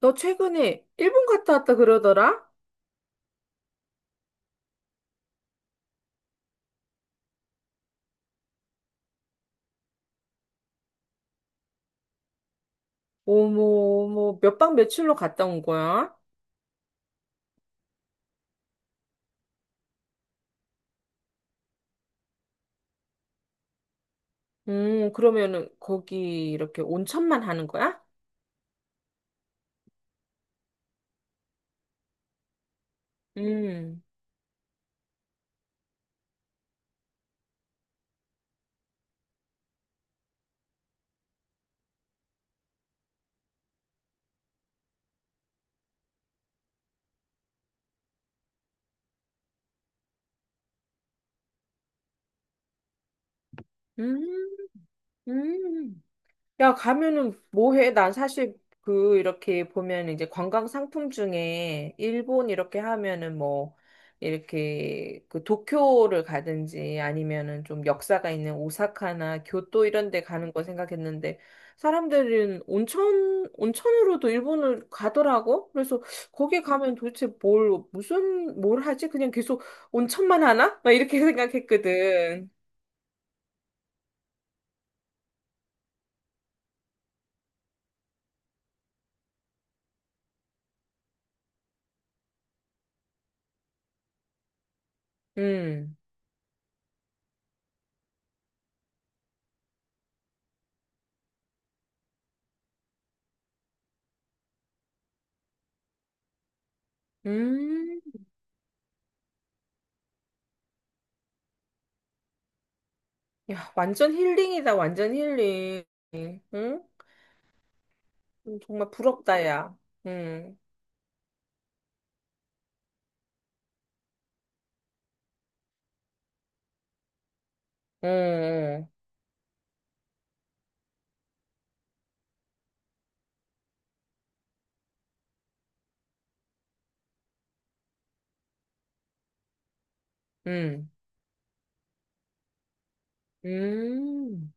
너 최근에 일본 갔다 왔다 그러더라? 어머, 몇 박 며칠로 갔다 온 거야? 그러면은 거기 이렇게 온천만 하는 거야? 음, 음, 음. 야, 가면은 뭐 해? 난 사실 이렇게 보면 이제 관광 상품 중에 일본 이렇게 하면은 뭐 이렇게 도쿄를 가든지 아니면은 좀 역사가 있는 오사카나 교토 이런 데 가는 거 생각했는데 사람들은 온천 온천으로도 일본을 가더라고. 그래서 거기 가면 도대체 뭘 무슨 뭘 하지? 그냥 계속 온천만 하나? 막 이렇게 생각했거든. 음. 음. 야, 완전 힐링이다, 완전 힐링. 응? 정말 부럽다, 야. 응, 응, 응, 음.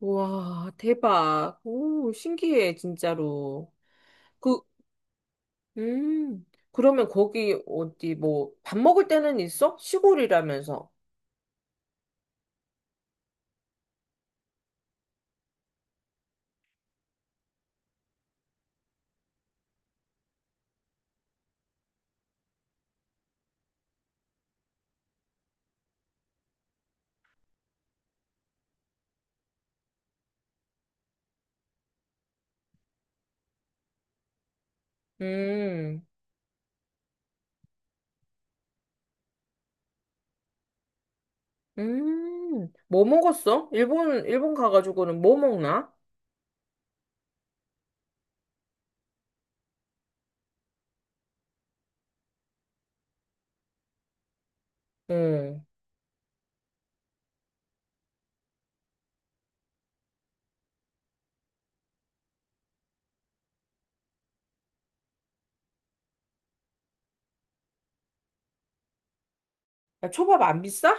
우와, 대박. 오, 신기해, 진짜로. 그, 음. 그러면 거기 어디, 뭐, 밥 먹을 때는 있어? 시골이라면서. 음, 음. 뭐 먹었어? 일본 가가지고는 뭐 먹나? 응. 야, 초밥 안 비싸?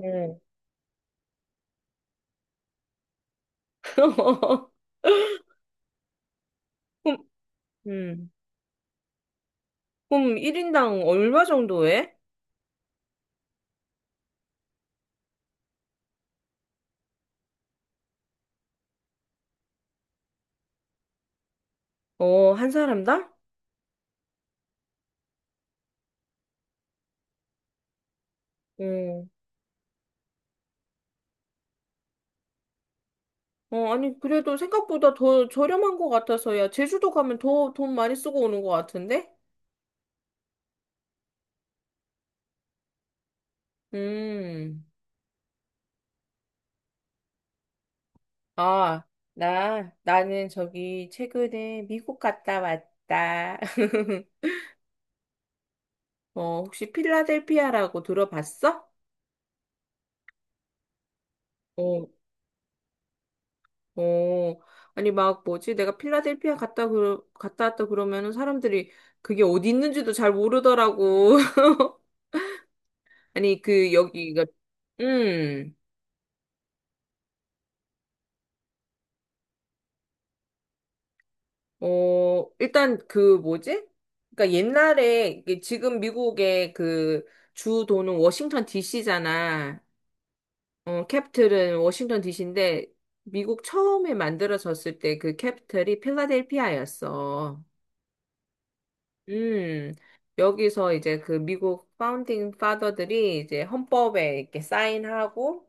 응. 음. 그럼 1인당 얼마 정도 해? 어, 한 사람당? 어, 아니, 그래도 생각보다 더 저렴한 것 같아서야. 제주도 가면 더 돈 많이 쓰고 오는 것 같은데? 음, 아, 나는 저기 최근에 미국 갔다 왔다. 어, 혹시 필라델피아라고 들어봤어? 어, 어, 아니, 막 뭐지? 내가 필라델피아 갔다, 갔다 왔다 그러면은 사람들이 그게 어디 있는지도 잘 모르더라고. 아니, 여기가, 음, 어, 일단 뭐지? 그러니까 옛날에, 이게 지금 미국의 그 주도는 워싱턴 DC잖아. 어, 캡틀은 워싱턴 DC인데, 미국 처음에 만들어졌을 때 그 캡틀이 필라델피아였어. 음, 여기서 이제 미국 파운딩 파더들이 이제 헌법에 이렇게 사인하고,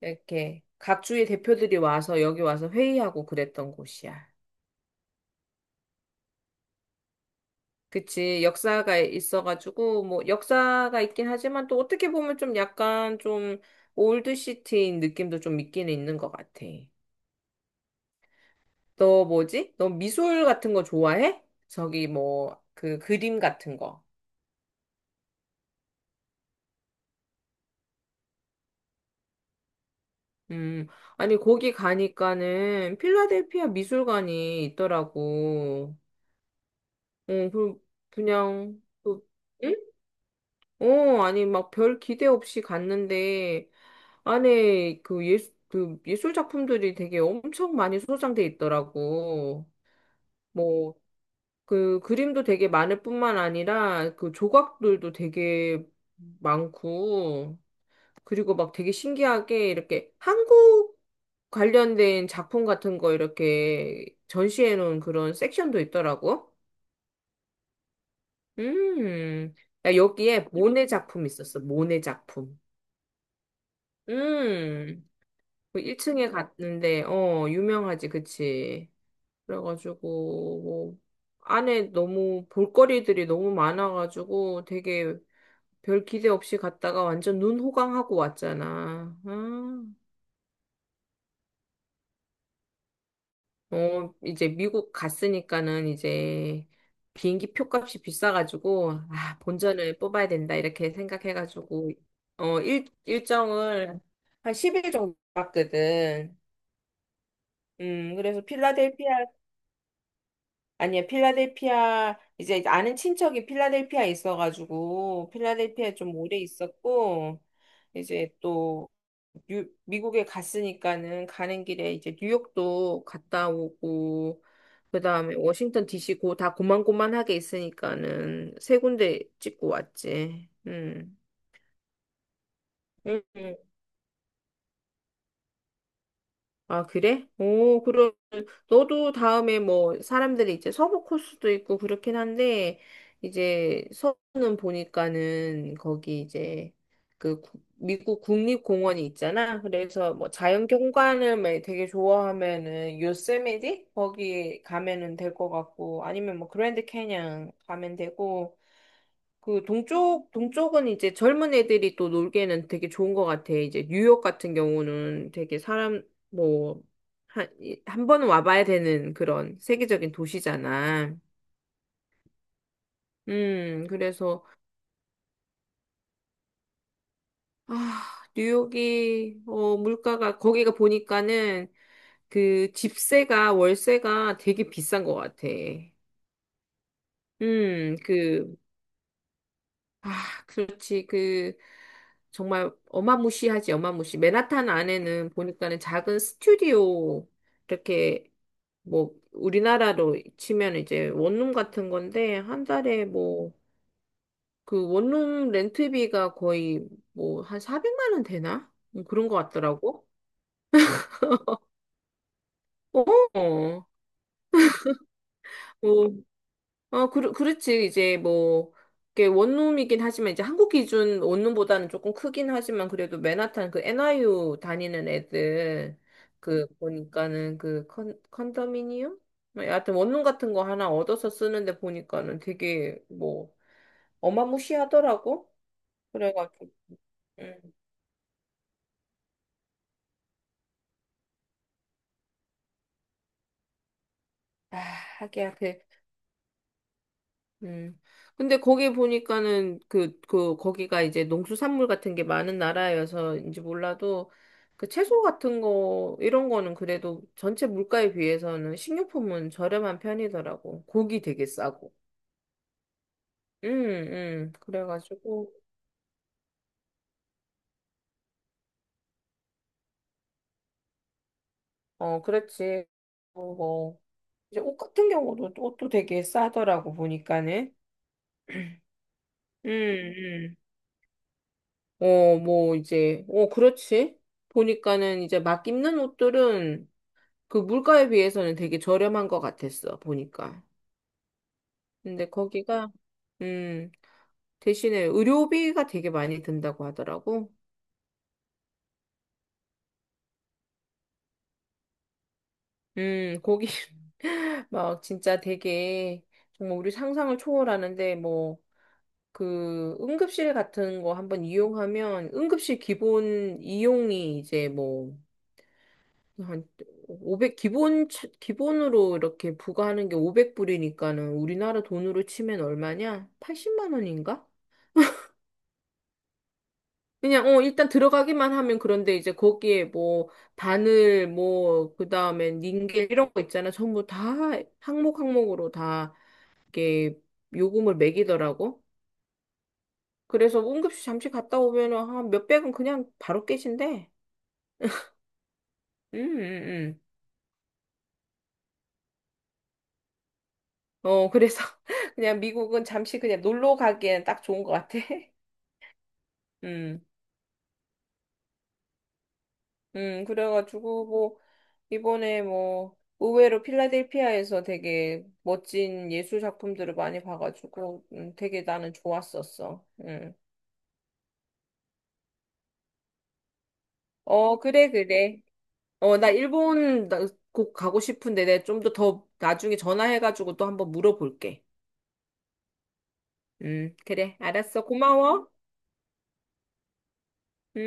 이렇게 각 주의 대표들이 와서 여기 와서 회의하고 그랬던 곳이야. 그치, 역사가 있어가지고, 뭐, 역사가 있긴 하지만 또 어떻게 보면 좀 약간 좀 올드시티인 느낌도 좀 있기는 있는 것 같아. 너 뭐지? 너 미술 같은 거 좋아해? 저기 뭐, 그림 같은 거. 음, 아니, 거기 가니까는 필라델피아 미술관이 있더라고. 응, 그냥, 그, 응? 어, 아니, 막 별 기대 없이 갔는데, 안에 그 예술 작품들이 되게 엄청 많이 소장돼 있더라고. 뭐, 그 그림도 되게 많을 뿐만 아니라, 그 조각들도 되게 많고, 그리고 막 되게 신기하게 이렇게 한국 관련된 작품 같은 거 이렇게 전시해 놓은 그런 섹션도 있더라고. 음, 야, 여기에 모네 작품 있었어, 모네 작품. 음. 그 1층에 갔는데, 어, 유명하지, 그치. 그래가지고, 뭐, 안에 너무 볼거리들이 너무 많아가지고 되게 별 기대 없이 갔다가 완전 눈 호강하고 왔잖아. 아, 어, 이제 미국 갔으니까는 이제 비행기 표값이 비싸가지고, 아, 본전을 뽑아야 된다, 이렇게 생각해가지고, 어, 일정을 한 10일 정도 봤거든. 그래서 필라델피아 아니야, 필라델피아, 이제 아는 친척이 필라델피아에 있어가지고, 필라델피아에 좀 오래 있었고, 이제 또, 미국에 갔으니까는 가는 길에 이제 뉴욕도 갔다 오고, 그 다음에 워싱턴 DC 고, 다 고만고만하게 있으니까는 세 군데 찍고 왔지. 음. 음. 아, 그래? 오, 그럼 너도 다음에 뭐 사람들이 이제 서부 코스도 있고 그렇긴 한데 이제 서부는 보니까는 거기 이제 미국 국립공원이 있잖아. 그래서 뭐 자연 경관을 막 되게 좋아하면은 요세미티 거기 가면은 될 것 같고 아니면 뭐 그랜드 캐년 가면 되고 그 동쪽은 이제 젊은 애들이 또 놀기에는 되게 좋은 것 같아. 이제 뉴욕 같은 경우는 되게 사람 뭐 한, 한 번은 와봐야 되는 그런 세계적인 도시잖아. 그래서 아, 뉴욕이 물가가 거기가 보니까는 집세가 월세가 되게 비싼 것 같아. 음, 그 아, 그렇지. 정말 어마무시하지, 어마무시. 맨하탄 안에는 보니까는 작은 스튜디오, 이렇게, 뭐, 우리나라로 치면 이제 원룸 같은 건데, 한 달에 뭐, 그 원룸 렌트비가 거의 뭐, 한 400만 원 되나? 뭐 그런 것 같더라고. 어, 어. 어, 그렇지. 이제 뭐, 이게 원룸이긴 하지만, 이제 한국 기준 원룸보다는 조금 크긴 하지만, 그래도 맨하탄 그 NIU 다니는 애들, 그, 보니까는 컨도미니엄? 뭐 여하튼 원룸 같은 거 하나 얻어서 쓰는데 보니까는 되게 뭐, 어마무시하더라고. 그래가지고, 음. 아, 하기야. 음. 근데 거기 보니까는 거기가 이제 농수산물 같은 게 많은 나라여서인지 몰라도 그 채소 같은 거, 이런 거는 그래도 전체 물가에 비해서는 식료품은 저렴한 편이더라고. 고기 되게 싸고. 응응 그래가지고, 어, 그렇지. 어, 뭐, 이제 옷 같은 경우도 옷도 되게 싸더라고, 보니까는. 응응 그렇지. 보니까는 이제 막 입는 옷들은 그 물가에 비해서는 되게 저렴한 것 같았어, 보니까. 근데 거기가, 음, 대신에 의료비가 되게 많이 든다고 하더라고. 거기 막 진짜 되게 정말 우리 상상을 초월하는데 뭐 그 응급실 같은 거 한번 이용하면 응급실 기본 이용이 이제 뭐 한 500 기본으로 이렇게 부과하는 게 500불이니까는 우리나라 돈으로 치면 얼마냐? 80만 원인가? 그냥 어 일단 들어가기만 하면 그런데 이제 거기에 뭐 바늘 뭐 그다음에 닌겔 이런 거 있잖아. 전부 다 항목으로 다 이게 요금을 매기더라고. 그래서 응급실 잠시 갔다 오면은 한 몇백은 그냥 바로 깨진대. 음, 음, 음. 어 그래서 그냥 미국은 잠시 그냥 놀러 가기엔 딱 좋은 것 같아. 음. 그래가지고, 이번에 뭐 의외로 필라델피아에서 되게 멋진 예술 작품들을 많이 봐가지고 되게 나는 좋았었어. 음. 어, 그래. 어, 나 꼭 가고 싶은데 내가 좀 더 나중에 전화해가지고 또 한번 물어볼게. 그래. 알았어. 고마워. 음.